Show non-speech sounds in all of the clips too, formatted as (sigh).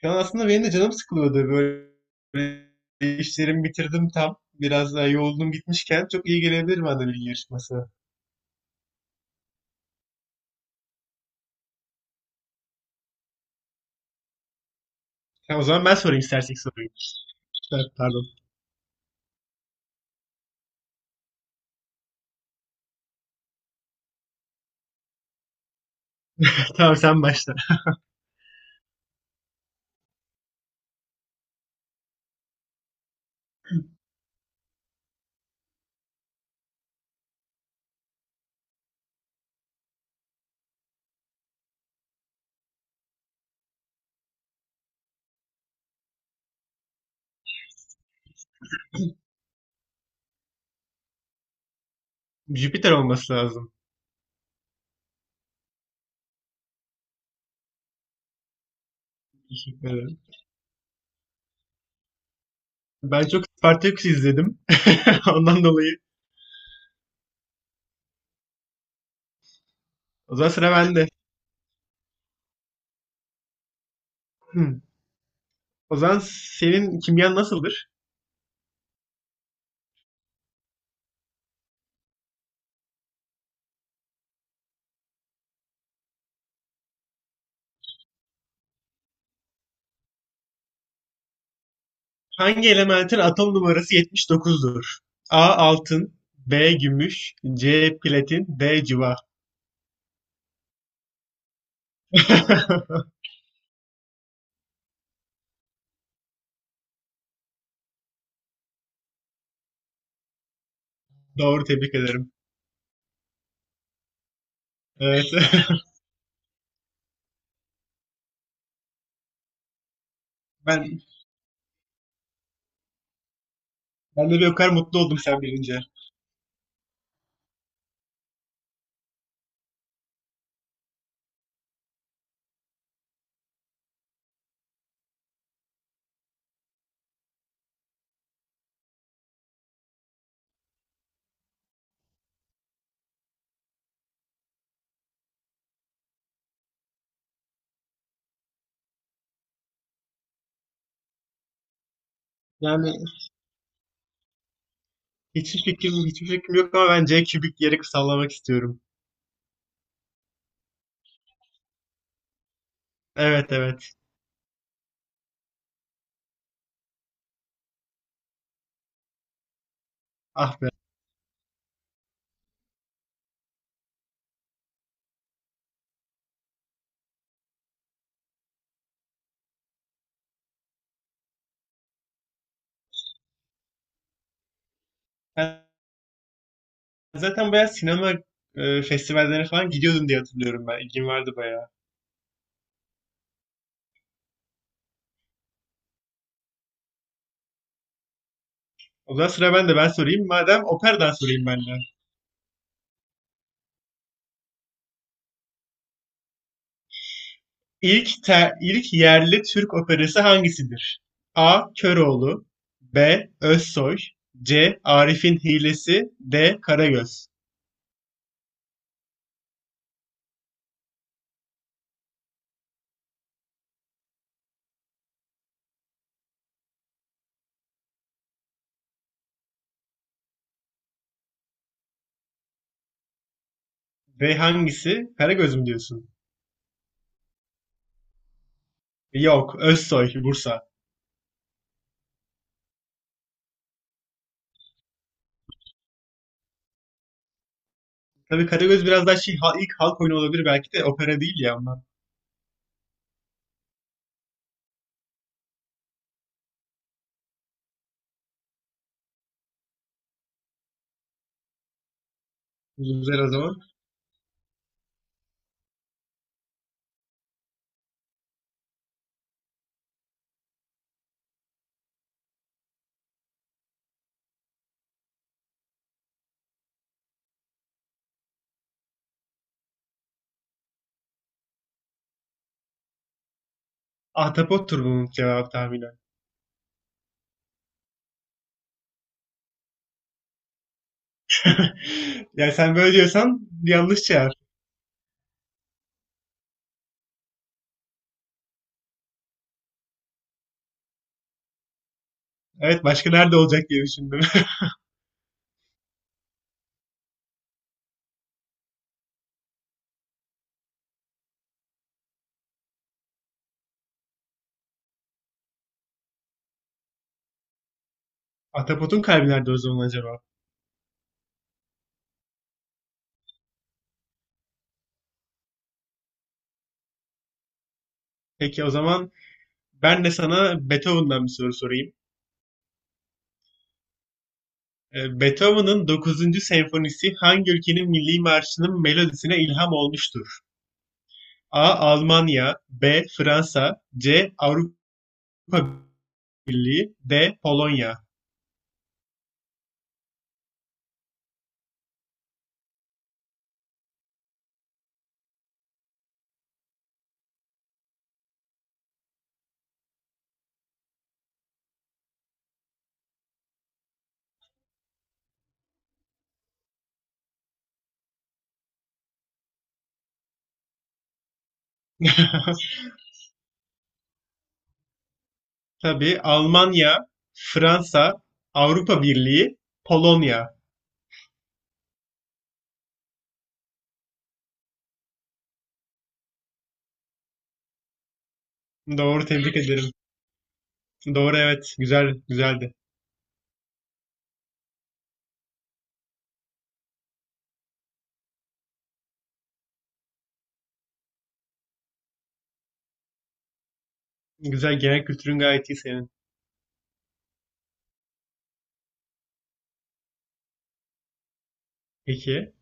Şu an aslında benim de canım sıkılıyordu böyle, böyle işlerimi bitirdim tam. Biraz daha yoğunluğum gitmişken çok iyi gelebilir bana bilgi yarışması. Tamam, o zaman ben sorayım istersen ilk soruyu. Evet, pardon. (laughs) Tamam, sen başla. Jüpiter olması lazım. Teşekkür ederim. Ben çok Spartacus izledim. (laughs) Ondan dolayı. O zaman sıra bende. Hmm. O zaman senin kimyan nasıldır? Hangi elementin atom numarası 79'dur? A altın, B gümüş, C platin, D civa. (laughs) Doğru, tebrik ederim. Evet. (laughs) Ben ben de bir o kadar mutlu oldum sen bilince. Yani hiçbir fikrim yok ama ben C kübik yeri sallamak istiyorum. Evet, evet. Ah be. Ben zaten bayağı sinema festivallerine falan gidiyordum diye hatırlıyorum ben. İlgim vardı bayağı. O zaman sıra bende, ben sorayım. Madem operadan sorayım ben de. İlk yerli Türk operası hangisidir? A. Köroğlu, B. Özsoy, C. Arif'in Hilesi, D. Karagöz. Ve hangisi? Karagöz mü diyorsun? Yok, Özsoy, Bursa. Tabii Karagöz biraz daha şey, ilk halk oyunu olabilir, belki de opera değil ya onlar. Güzel o zaman. Ahtapottur bunun cevap tahminen. (laughs) Yani sen böyle diyorsan yanlış cevap. Evet, başka nerede olacak diye düşündüm. (laughs) Ahtapotun kalbi nerede o zaman acaba? Peki o zaman ben de sana Beethoven'dan bir soru sorayım. Beethoven'ın 9. senfonisi hangi ülkenin milli marşının melodisine ilham olmuştur? A. Almanya, B. Fransa, C. Avrupa Birliği, D. Polonya. (laughs) Tabii Almanya, Fransa, Avrupa Birliği, Polonya. Doğru, tebrik ederim. Doğru, evet. Güzel, güzeldi. Güzel, genel kültürün gayet iyi senin. Peki.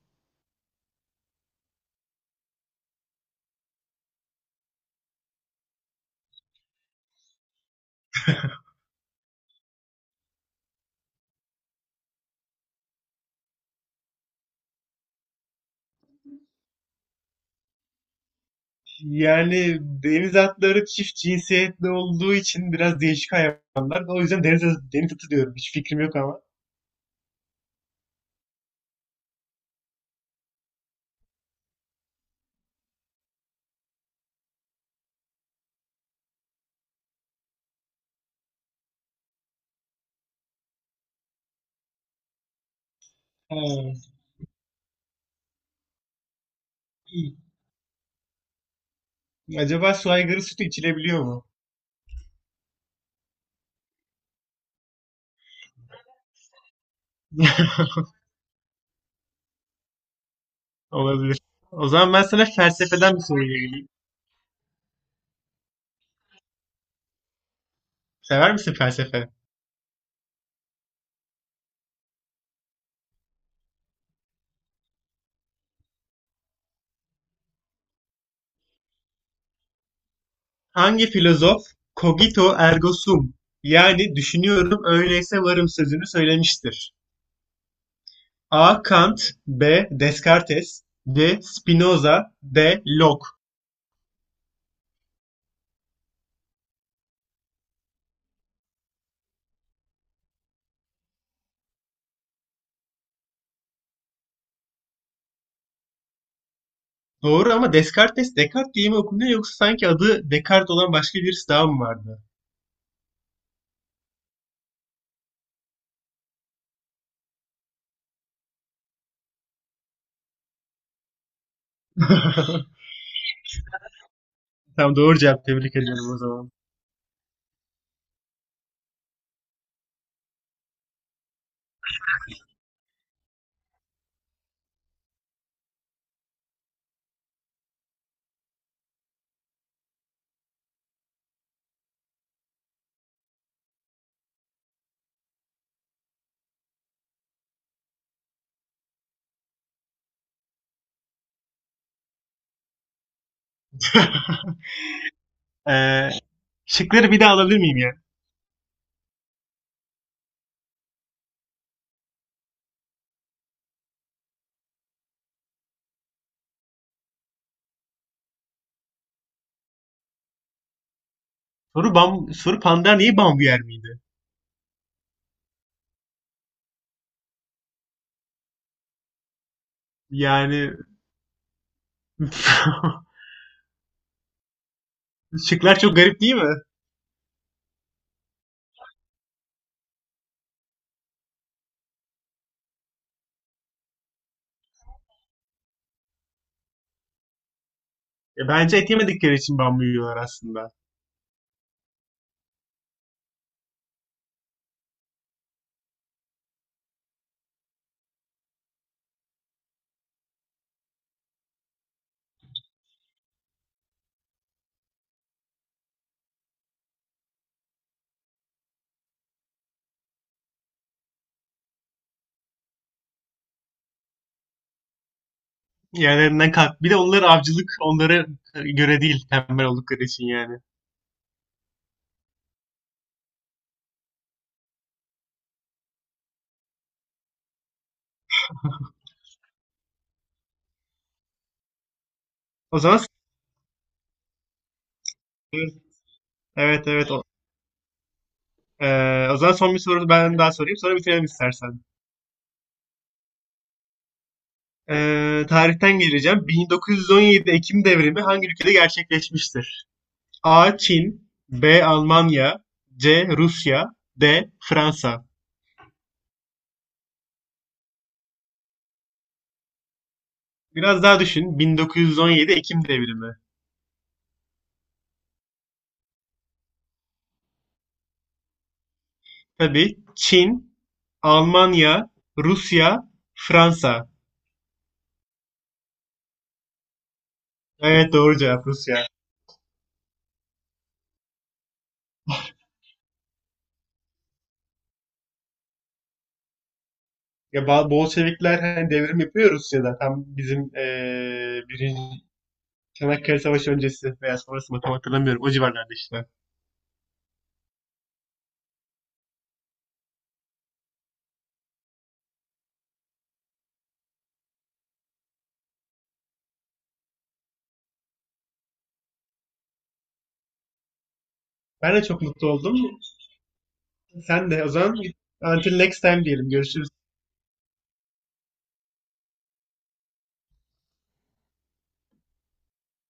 Yani deniz atları çift cinsiyetli olduğu için biraz değişik hayvanlar. O yüzden deniz atı diyorum. Hiç fikrim yok ama. Ha. Acaba su aygırı sütü içilebiliyor mu? (laughs) Olabilir. O zaman ben sana felsefeden bir soru geleyim. Sever misin felsefe? Hangi filozof cogito ergo sum, yani düşünüyorum öyleyse varım sözünü söylemiştir? A. Kant, B. Descartes, C. Spinoza, D. Locke. Doğru ama Descartes Descartes diye mi okunuyor, yoksa sanki adı Descartes olan başka birisi daha mı vardı? (laughs) Tamam, doğru cevap, tebrik ediyorum o zaman. (laughs) Ee, şıkları bir daha alabilir miyim ya? Soru panda neyi bambu yer miydi? Yani (laughs) şıklar çok garip değil mi? Bence et yemedikleri için bambu yiyorlar aslında. Yerlerinden kalk. Bir de onlar avcılık onlara göre değil, tembel oldukları için yani. O zaman evet, e, o zaman son bir soru ben daha sorayım, sonra bitirelim istersen. E, Tarihten geleceğim. 1917 Ekim devrimi hangi ülkede gerçekleşmiştir? A. Çin, B. Almanya, C. Rusya, D. Fransa. Biraz daha düşün. 1917 Ekim devrimi. Tabii Çin, Almanya, Rusya, Fransa. Evet, doğru cevap Rusya. Ya Bolşevikler hani devrim yapıyor Rusya'da. Tam bizim birinci Çanakkale Savaşı öncesi veya sonrası mı tam hatırlamıyorum. O civarlarda işte. Ben de çok mutlu oldum. Sen de o zaman until next time diyelim. Görüşürüz.